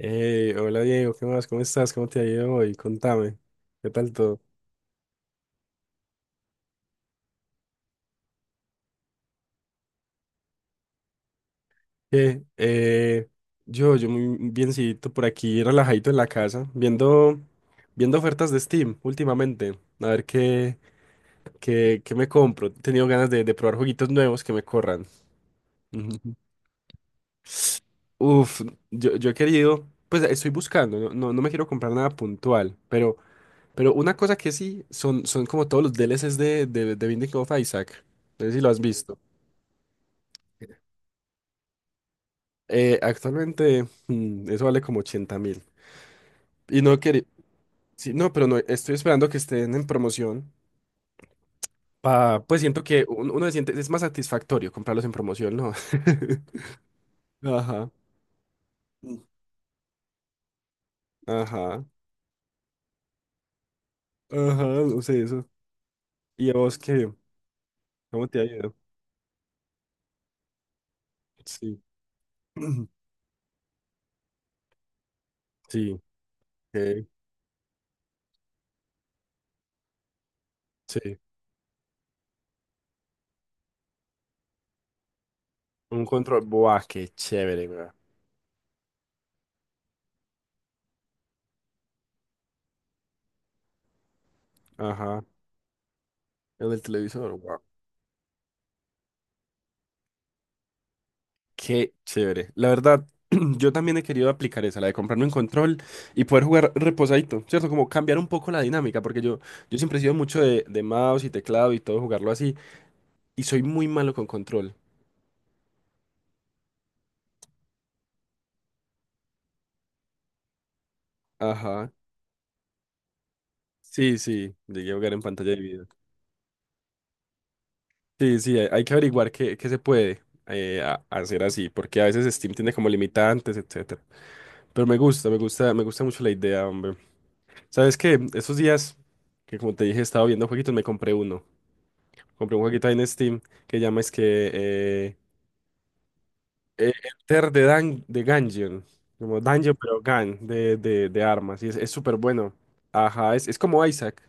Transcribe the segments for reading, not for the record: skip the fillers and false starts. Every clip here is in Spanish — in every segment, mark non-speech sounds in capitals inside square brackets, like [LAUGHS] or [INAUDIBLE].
Hey, hola Diego, ¿qué más? ¿Cómo estás? ¿Cómo te ha ido hoy? Contame, ¿qué tal todo? Eh, eh, yo muy biencito por aquí, relajadito en la casa, viendo ofertas de Steam últimamente, a ver qué me compro. He tenido ganas de probar jueguitos nuevos que me corran. [LAUGHS] Ujú. Uf, yo he querido, pues estoy buscando, no me quiero comprar nada puntual, pero una cosa que sí, son como todos los DLCs de Binding of Isaac, no sé si lo has visto. Actualmente eso vale como 80 mil. Y no quería... Sí, no, pero no, estoy esperando que estén en promoción. Pa, pues siento que uno se siente, es más satisfactorio comprarlos en promoción, ¿no? [LAUGHS] Ajá. Mm. Ajá. Ajá, no sé eso. ¿Y a vos qué? ¿Cómo te ha ido? Sí. [CLEARS THROAT] Sí. Ok, sí. Un control. Buah, qué chévere, güey. Ajá. El del televisor. Qué chévere. La verdad, [CLEARS THROAT] yo también he querido aplicar esa, la de comprarme un control y poder jugar reposadito, ¿cierto? Como cambiar un poco la dinámica, porque yo siempre he sido mucho de mouse y teclado y todo, jugarlo así, y soy muy malo con control. Ajá. Sí, sí, llegué a jugar en pantalla de video. Sí, sí, hay que averiguar qué, qué se puede hacer así, porque a veces Steam tiene como limitantes, etcétera. Pero me gusta mucho la idea, hombre. ¿Sabes qué? Esos días que, como te dije, estaba viendo jueguitos, me compré uno. Compré un jueguito ahí en Steam que llama es que eh, eh, Enter de Dan de Gungeon. Como Dungeon, pero Gun de armas. Y es súper bueno. Ajá, es como Isaac.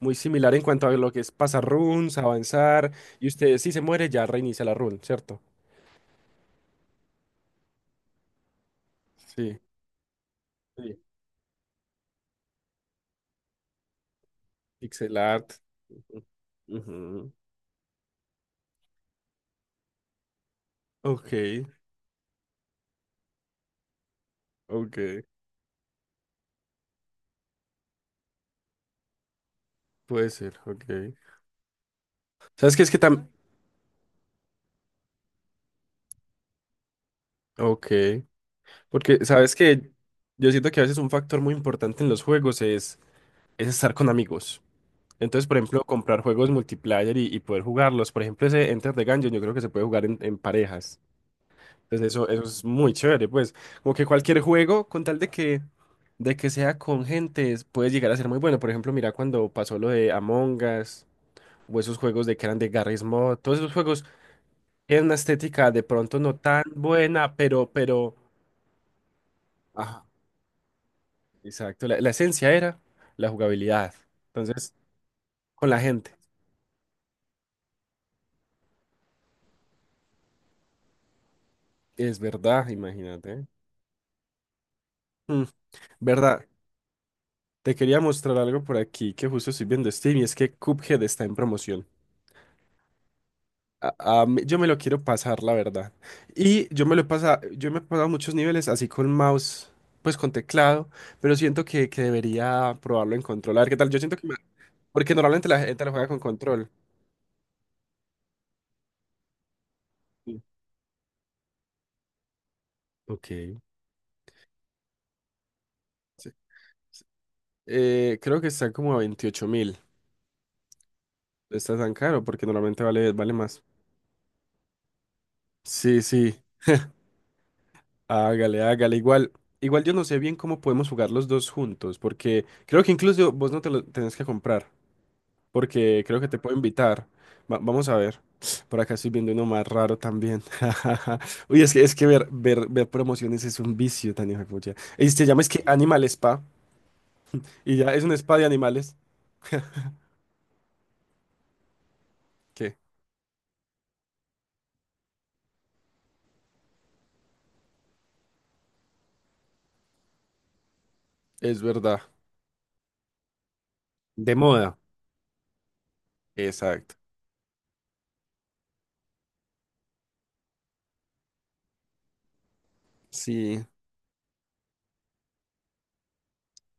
Muy similar en cuanto a lo que es pasar runes, avanzar. Y usted, si se muere, ya reinicia la run, ¿cierto? Sí. Sí. Pixel art. Ujú. Ok, ok. Puede ser, ok. ¿Sabes qué? Es que también. Ok. Porque, ¿sabes que yo siento que a veces un factor muy importante en los juegos es estar con amigos? Entonces, por ejemplo, comprar juegos multiplayer y poder jugarlos. Por ejemplo, ese Enter the Gungeon yo creo que se puede jugar en parejas. Entonces, eso es muy chévere, pues. Como que cualquier juego, con tal de que sea con gente, puede llegar a ser muy bueno. Por ejemplo, mira cuando pasó lo de Among Us, o esos juegos de que eran de Garry's Mod, todos esos juegos tienen una estética de pronto no tan buena, ajá, exacto. La esencia era la jugabilidad. Entonces, con la gente. Es verdad, imagínate. Mm, verdad, te quería mostrar algo por aquí que justo estoy viendo Steam y es que Cuphead está en promoción. A- yo me lo quiero pasar, la verdad. Y yo me lo he pasado, yo me he pasado muchos niveles así con mouse, pues con teclado, pero siento que debería probarlo en control. A ver qué tal, yo siento que porque normalmente la gente lo juega con control. Sí, ok, sí, sí. Creo que está como a 28 mil. No está tan caro porque normalmente vale más. Sí, sí. Hágale, hágale. Igual yo no sé bien cómo podemos jugar los dos juntos, porque creo que incluso vos no te lo tenés que comprar, porque creo que te puedo invitar. Vamos a ver. Por acá estoy viendo uno más raro también. [LAUGHS] Uy, es que ver promociones es un vicio tan hijo de pucha. Y se llama es que Animal Spa, y ya es un spa de animales. ¿Qué? Es verdad. De moda. Exacto. Sí,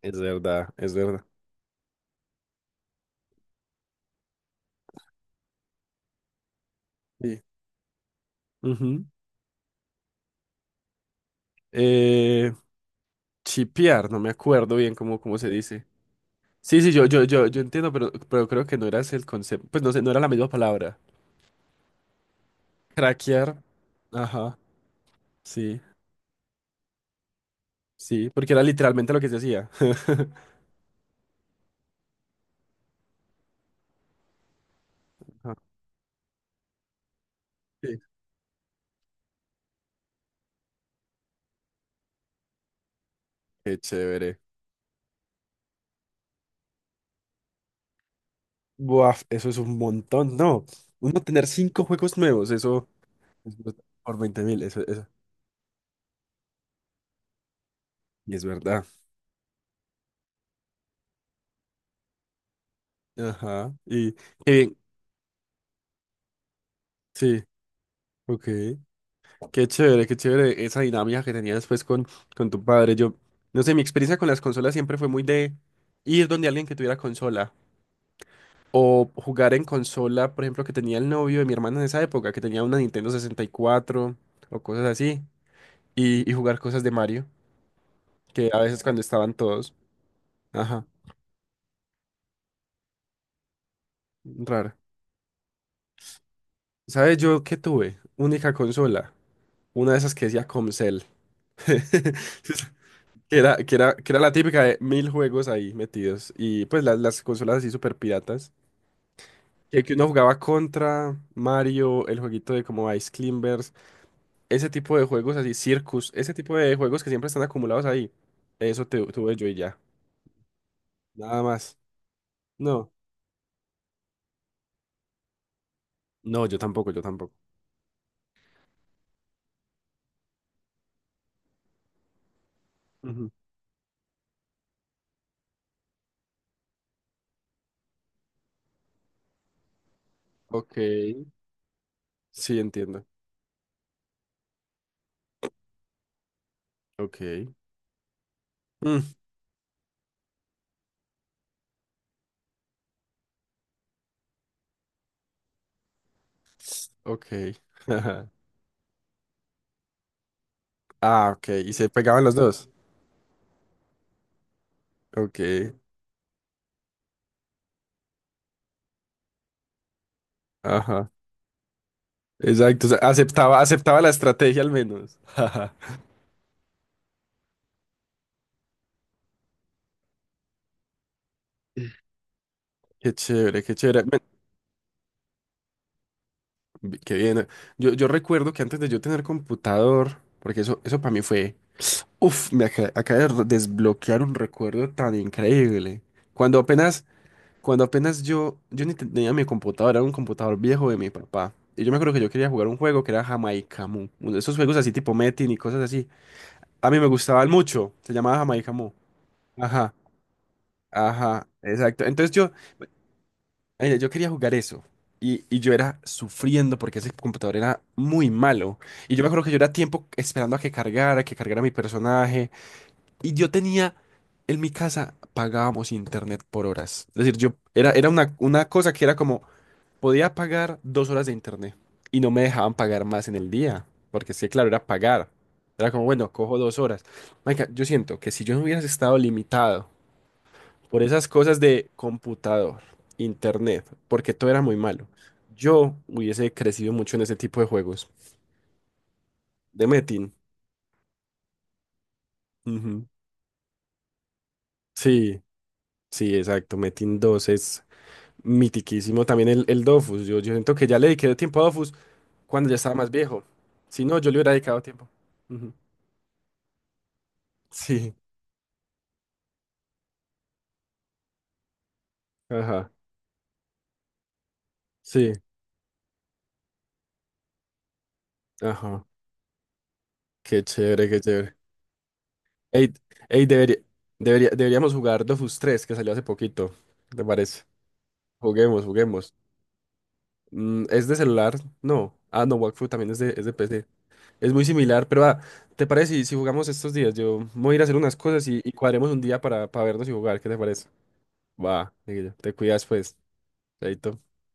es verdad. Sí. Ujú. Eh, chipear, no me acuerdo bien cómo se dice. Sí, sí, yo entiendo, pero creo que no era ese el concepto. Pues no sé, no era la misma palabra. Craquear. Ajá. Sí, sí, porque era literalmente lo que se hacía. [LAUGHS] Ajá, sí. Qué chévere. Buah, eso es un montón, ¿no? Uno tener cinco juegos nuevos, eso es ver- por 20 mil, eso. Y es verdad. Ajá. Y qué bien. Sí, ok. Qué chévere esa dinámica que tenías después con tu padre. Yo, no sé, mi experiencia con las consolas siempre fue muy de ir donde alguien que tuviera consola. O jugar en consola, por ejemplo, que tenía el novio de mi hermana en esa época, que tenía una Nintendo 64 o cosas así. Y jugar cosas de Mario, que a veces cuando estaban todos. Ajá, raro. ¿Sabes yo qué tuve? Única consola. Una de esas que decía Comcel. [LAUGHS] Que era la típica de mil juegos ahí metidos. Y pues las consolas así super piratas. Que uno jugaba contra Mario, el jueguito de como Ice Climbers. Ese tipo de juegos así, Circus, ese tipo de juegos que siempre están acumulados ahí. Tuve yo y ya. Nada más. No. No, yo tampoco. Ujú. Ok. Sí, entiendo. Ok. Mm, ok. [LAUGHS] Ah, ok. Y se pegaban los dos. Ok. Ajá. Exacto. O sea, aceptaba la estrategia al menos. [LAUGHS] Qué chévere, qué chévere. Men, qué bien. Yo recuerdo que antes de yo tener computador, porque eso para mí fue. Uf, me acaba de desbloquear un recuerdo tan increíble. Cuando apenas, cuando apenas yo, yo ni tenía mi computadora, era un computador viejo de mi papá. Y yo me acuerdo que yo quería jugar un juego que era Jamaica Mu. Uno de esos juegos así tipo Metin y cosas así. A mí me gustaban mucho. Se llamaba Jamaica Mu. Ajá, ajá, exacto. Entonces yo, mira, yo quería jugar eso. Y yo era sufriendo porque ese computador era muy malo. Y yo me acuerdo que yo era tiempo esperando a que cargara mi personaje. Y yo tenía, en mi casa pagábamos internet por horas. Es decir, yo era, era una cosa que era como, podía pagar dos horas de internet y no me dejaban pagar más en el día, porque sí, claro, era pagar. Era como, bueno, cojo dos horas. Marica, yo siento que si yo no hubiera estado limitado por esas cosas de computador, internet, porque todo era muy malo, yo hubiese crecido mucho en ese tipo de juegos. De Metin. Ujú. Sí, sí, exacto. Metin dos es... Mitiquísimo también el Dofus. Yo siento que ya le dediqué tiempo a Dofus cuando ya estaba más viejo. Si no, yo le hubiera dedicado tiempo. Ujú. Sí, ajá, sí, ajá. Qué chévere, qué chévere. Ey, ey, deberíamos jugar Dofus tres que salió hace poquito. ¿Te parece? Juguemos, juguemos. Mm, ¿es de celular? No. Ah, no, Wakfu también es de PC. Es muy similar, pero ah, ¿te parece si jugamos estos días? Yo me voy a ir a hacer unas cosas y cuadremos un día para vernos y jugar. ¿Qué te parece? Va, Miguel, te cuidas pues, chaito.